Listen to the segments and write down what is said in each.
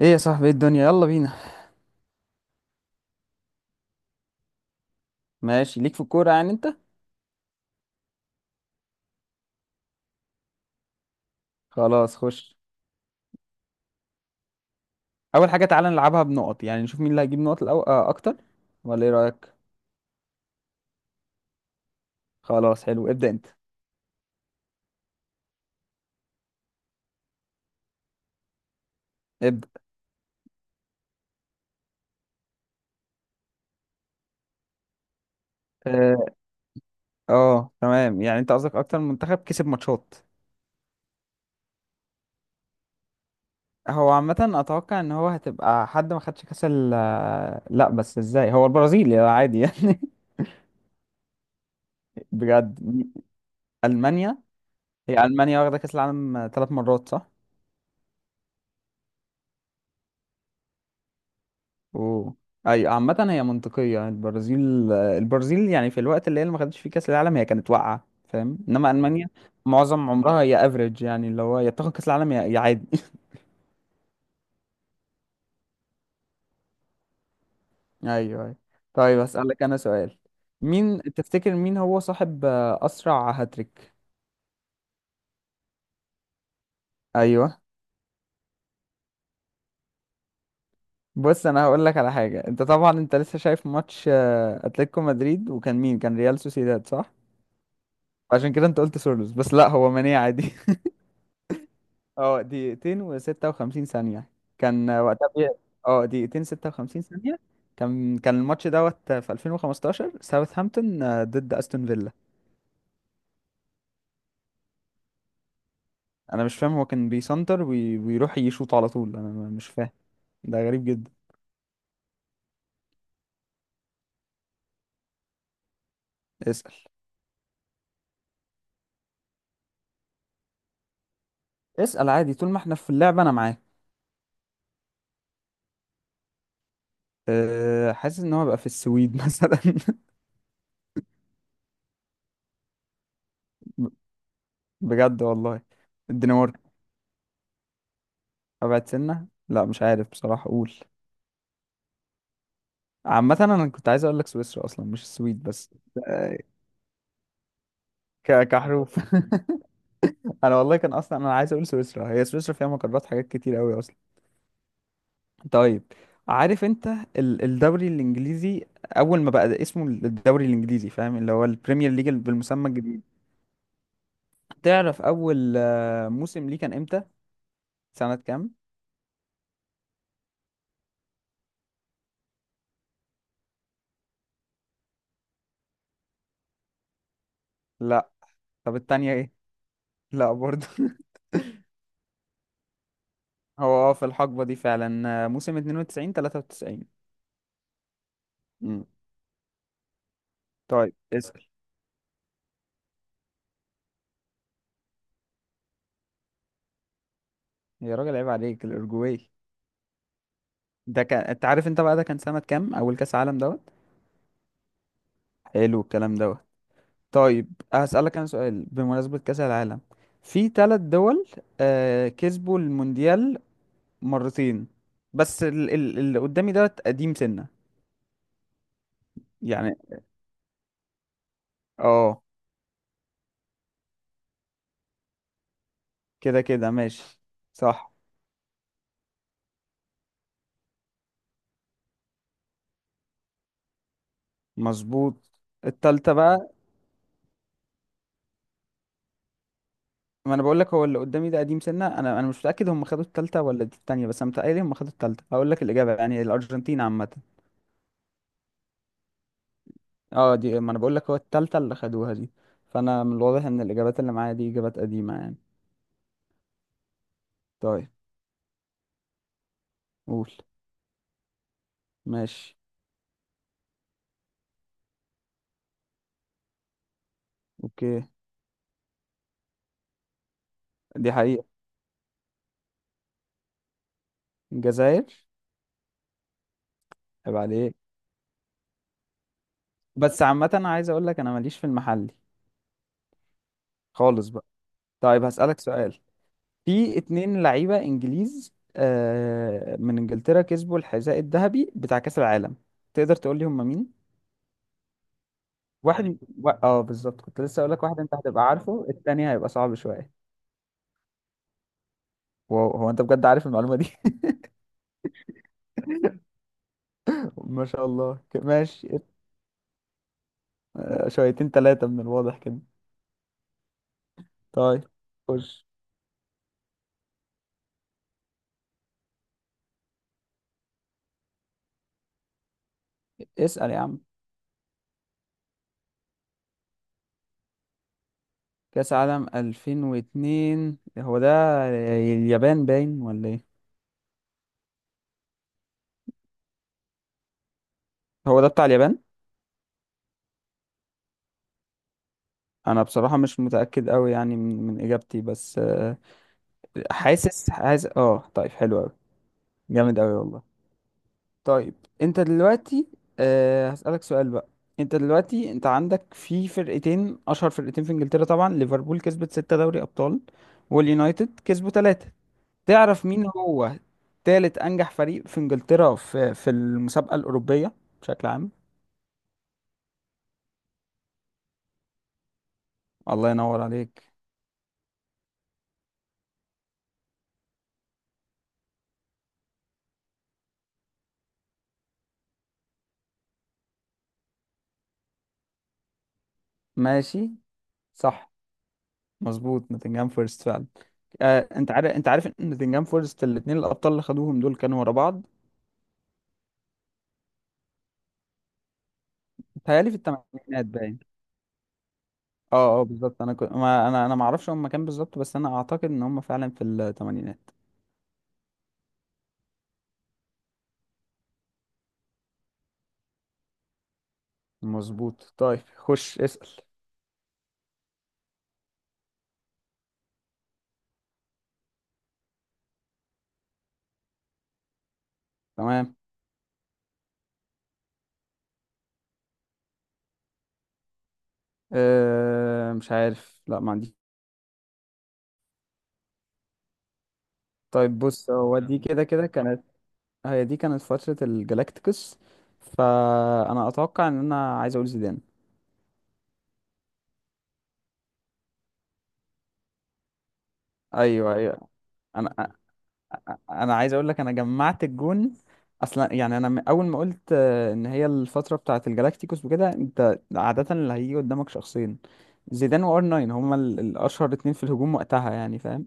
ايه يا صاحبي، ايه الدنيا، يلا بينا. ماشي، ليك في الكورة يعني انت؟ خلاص خش. اول حاجة تعالى نلعبها بنقط، يعني نشوف مين اللي هيجيب نقط الأو... آه اكتر، ولا ايه رأيك؟ خلاص حلو، ابدأ انت. ابدأ. اه تمام، يعني انت قصدك اكتر منتخب كسب ماتشات. هو عامة اتوقع ان هو هتبقى حد ما خدش كاس ال... لا بس ازاي، هو البرازيل يا عادي يعني. بجد. المانيا. هي المانيا واخدة كاس العالم ثلاث مرات صح؟ اوه. ايوه، عامة هي منطقية، البرازيل يعني في الوقت اللي هي اللي ما خدتش فيه كأس العالم هي كانت واقعة فاهم، انما ألمانيا معظم عمرها هي افريج، يعني اللي هو يا بتاخد كأس العالم يا عادي ايوه ايوه. طيب اسألك انا سؤال، مين تفتكر، مين هو صاحب اسرع هاتريك؟ ايوه. بص انا هقول لك على حاجة، انت طبعا انت لسه شايف ماتش اتلتيكو مدريد، وكان مين؟ كان ريال سوسيداد صح؟ عشان كده انت قلت سورلوس، بس لا هو ماني عادي. اه، دقيقتين وستة وخمسين ثانية. كان وقتها بي... اه، دقيقتين ستة وخمسين ثانية. كان الماتش دوت في 2015، ساوثهامبتون ضد استون فيلا. انا مش فاهم، هو كان بيسنتر ويروح يشوط على طول، انا مش فاهم. ده غريب جدا. اسأل. اسأل عادي، طول ما احنا في اللعبة انا معاك. حاسس ان هو بقى في السويد مثلا. بجد والله. الدنمارك. ابعد سنة، لا مش عارف بصراحة اقول. عامة انا كنت عايز اقول لك سويسرا اصلا، مش السويد، بس آه، كحروف. انا والله كان اصلا انا عايز اقول سويسرا، هي سويسرا فيها مقرات حاجات كتير قوي اصلا. طيب، عارف انت الدوري الانجليزي، اول ما بقى اسمه الدوري الانجليزي فاهم، اللي هو البريمير ليج بالمسمى الجديد، تعرف اول موسم ليه كان امتى؟ سنة كام؟ لا. طب التانية ايه؟ لا برضه هو اه، في الحقبة دي فعلا، موسم 92 93. امم طيب اسأل. يا راجل عيب عليك، الأورجواي. ده كان، انت عارف انت بقى ده كان سنة كام اول كأس عالم دوت؟ حلو الكلام دوت. طيب هسألك انا سؤال بمناسبة كأس العالم. في ثلاث دول آه كسبوا المونديال مرتين، بس اللي قدامي دوت قديم سنة. يعني، اه. كده كده ماشي. صح. مظبوط. التالتة بقى. ما انا بقول لك هو اللي قدامي ده قديم سنة، انا مش متأكد هم خدوا التالتة ولا دي التانية، بس انا متهيألي هم خدوا التالتة هقول لك الإجابة يعني، الأرجنتين عامة. اه دي، ما انا بقول لك هو التالتة اللي خدوها دي. فانا من الواضح ان الإجابات اللي معايا دي إجابات قديمة يعني. طيب. قول. ماشي. اوكي. دي حقيقة. الجزائر. عيب عليك، بس عامة أنا عايز اقول لك انا ماليش في المحلي خالص بقى. طيب هسألك سؤال. في اتنين لعيبة انجليز آه، من انجلترا كسبوا الحذاء الذهبي بتاع كأس العالم، تقدر تقول لي هم مين؟ واحد و... اه بالظبط، كنت لسه اقول لك واحد، انت هتبقى عارفه، التاني هيبقى صعب شوية. واو، هو انت بجد عارف المعلومة دي ما شاء الله، ماشي. آه شويتين تلاتة من الواضح كده. طيب خش اسأل يا عم. كأس عالم 2002 هو ده، اليابان باين ولا ايه؟ هو ده بتاع اليابان. انا بصراحة مش متأكد قوي يعني من اجابتي، بس حاسس، حاسس، اه. طيب حلو قوي. جامد قوي والله. طيب. انت دلوقتي. هسألك سؤال بقى. انت دلوقتي انت عندك في فرقتين، اشهر فرقتين في انجلترا طبعا، ليفربول كسبت ستة دوري ابطال، واليونايتد كسبوا ثلاثة. تعرف مين هو تالت انجح فريق في انجلترا، في المسابقة الأوروبية بشكل عام؟ الله ينور عليك. ماشي. صح. مظبوط، نوتنجهام فورست فعلا. انت عارف، ان نوتنجهام فورست الاثنين الابطال اللي خدوهم دول كانوا ورا بعض. بيتهيألي في الثمانينات باين. اه اه بالظبط، انا كنت، ما انا ما اعرفش هم كام بالظبط، بس انا اعتقد ان هم فعلا في الثمانينات. مظبوط. طيب خش اسأل. تمام. مش عارف، لا ما عندي. طيب بص، هو دي كده كده كانت، هي دي كانت فترة الجلاكتيكوس، فانا اتوقع ان، انا عايز اقول زيدان. ايوه ايوه. انا انا عايز اقول لك انا جمعت الجون اصلا يعني، انا اول ما قلت ان هي الفتره بتاعه الجالاكتيكوس وكده انت عاده اللي هيجي قدامك شخصين، زيدان وار 9، هما الاشهر اتنين في الهجوم وقتها يعني فاهم.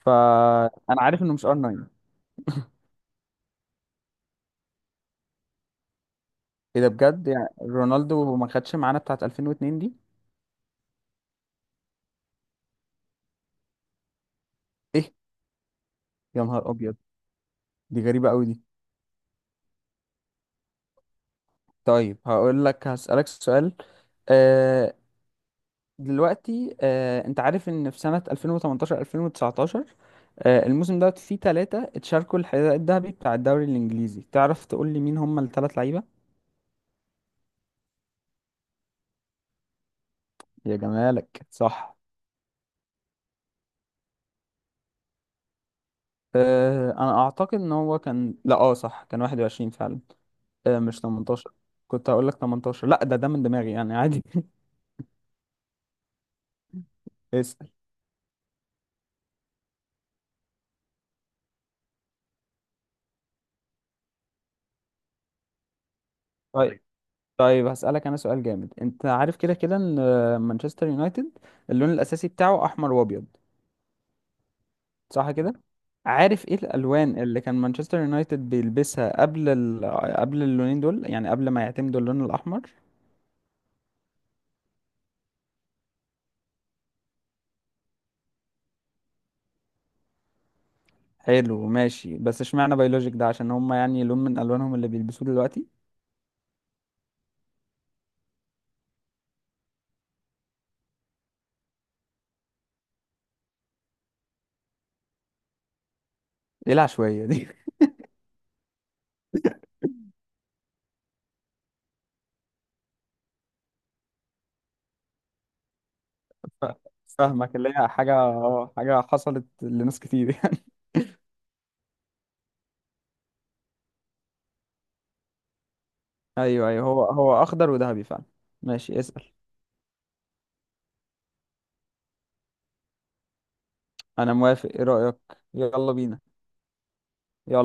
فانا عارف انه مش ار 9. ايه ده بجد؟ يعني رونالدو ما خدش معانا بتاعه 2002 دي؟ ايه؟ يا نهار ابيض. دي غريبه قوي دي. طيب هقول لك، هسالك سؤال آه، دلوقتي. انت عارف ان في سنة 2018 2019 الموسم دوت فيه ثلاثة اتشاركوا الحذاء الذهبي بتاع الدوري الانجليزي، تعرف تقول لي مين هم الثلاث لعيبة؟ يا جمالك، صح. انا اعتقد ان هو كان، لا اه صح، كان 21 فعلا، مش 18. كنت هقول لك 18 لا ده من دماغي يعني عادي اسأل. طيب. طيب هسألك انا سؤال جامد. انت عارف كده كده ان مانشستر يونايتد اللون الاساسي بتاعه احمر وابيض صح كده؟ عارف ايه الالوان اللي كان مانشستر يونايتد بيلبسها قبل اللونين دول، يعني قبل ما يعتمدوا اللون الاحمر؟ حلو ماشي، بس اشمعنى بيولوجيك ده، عشان هم يعني لون من الوانهم اللي بيلبسوه دلوقتي؟ ايه العشوائيه دي؟ ف- فاهمك، اللي هي حاجه، اه حاجه حصلت لناس كتير يعني. ايوه ايوه، هو اخضر وذهبي فعلا. ماشي اسال. انا موافق، ايه رايك؟ يلا بينا. يلا.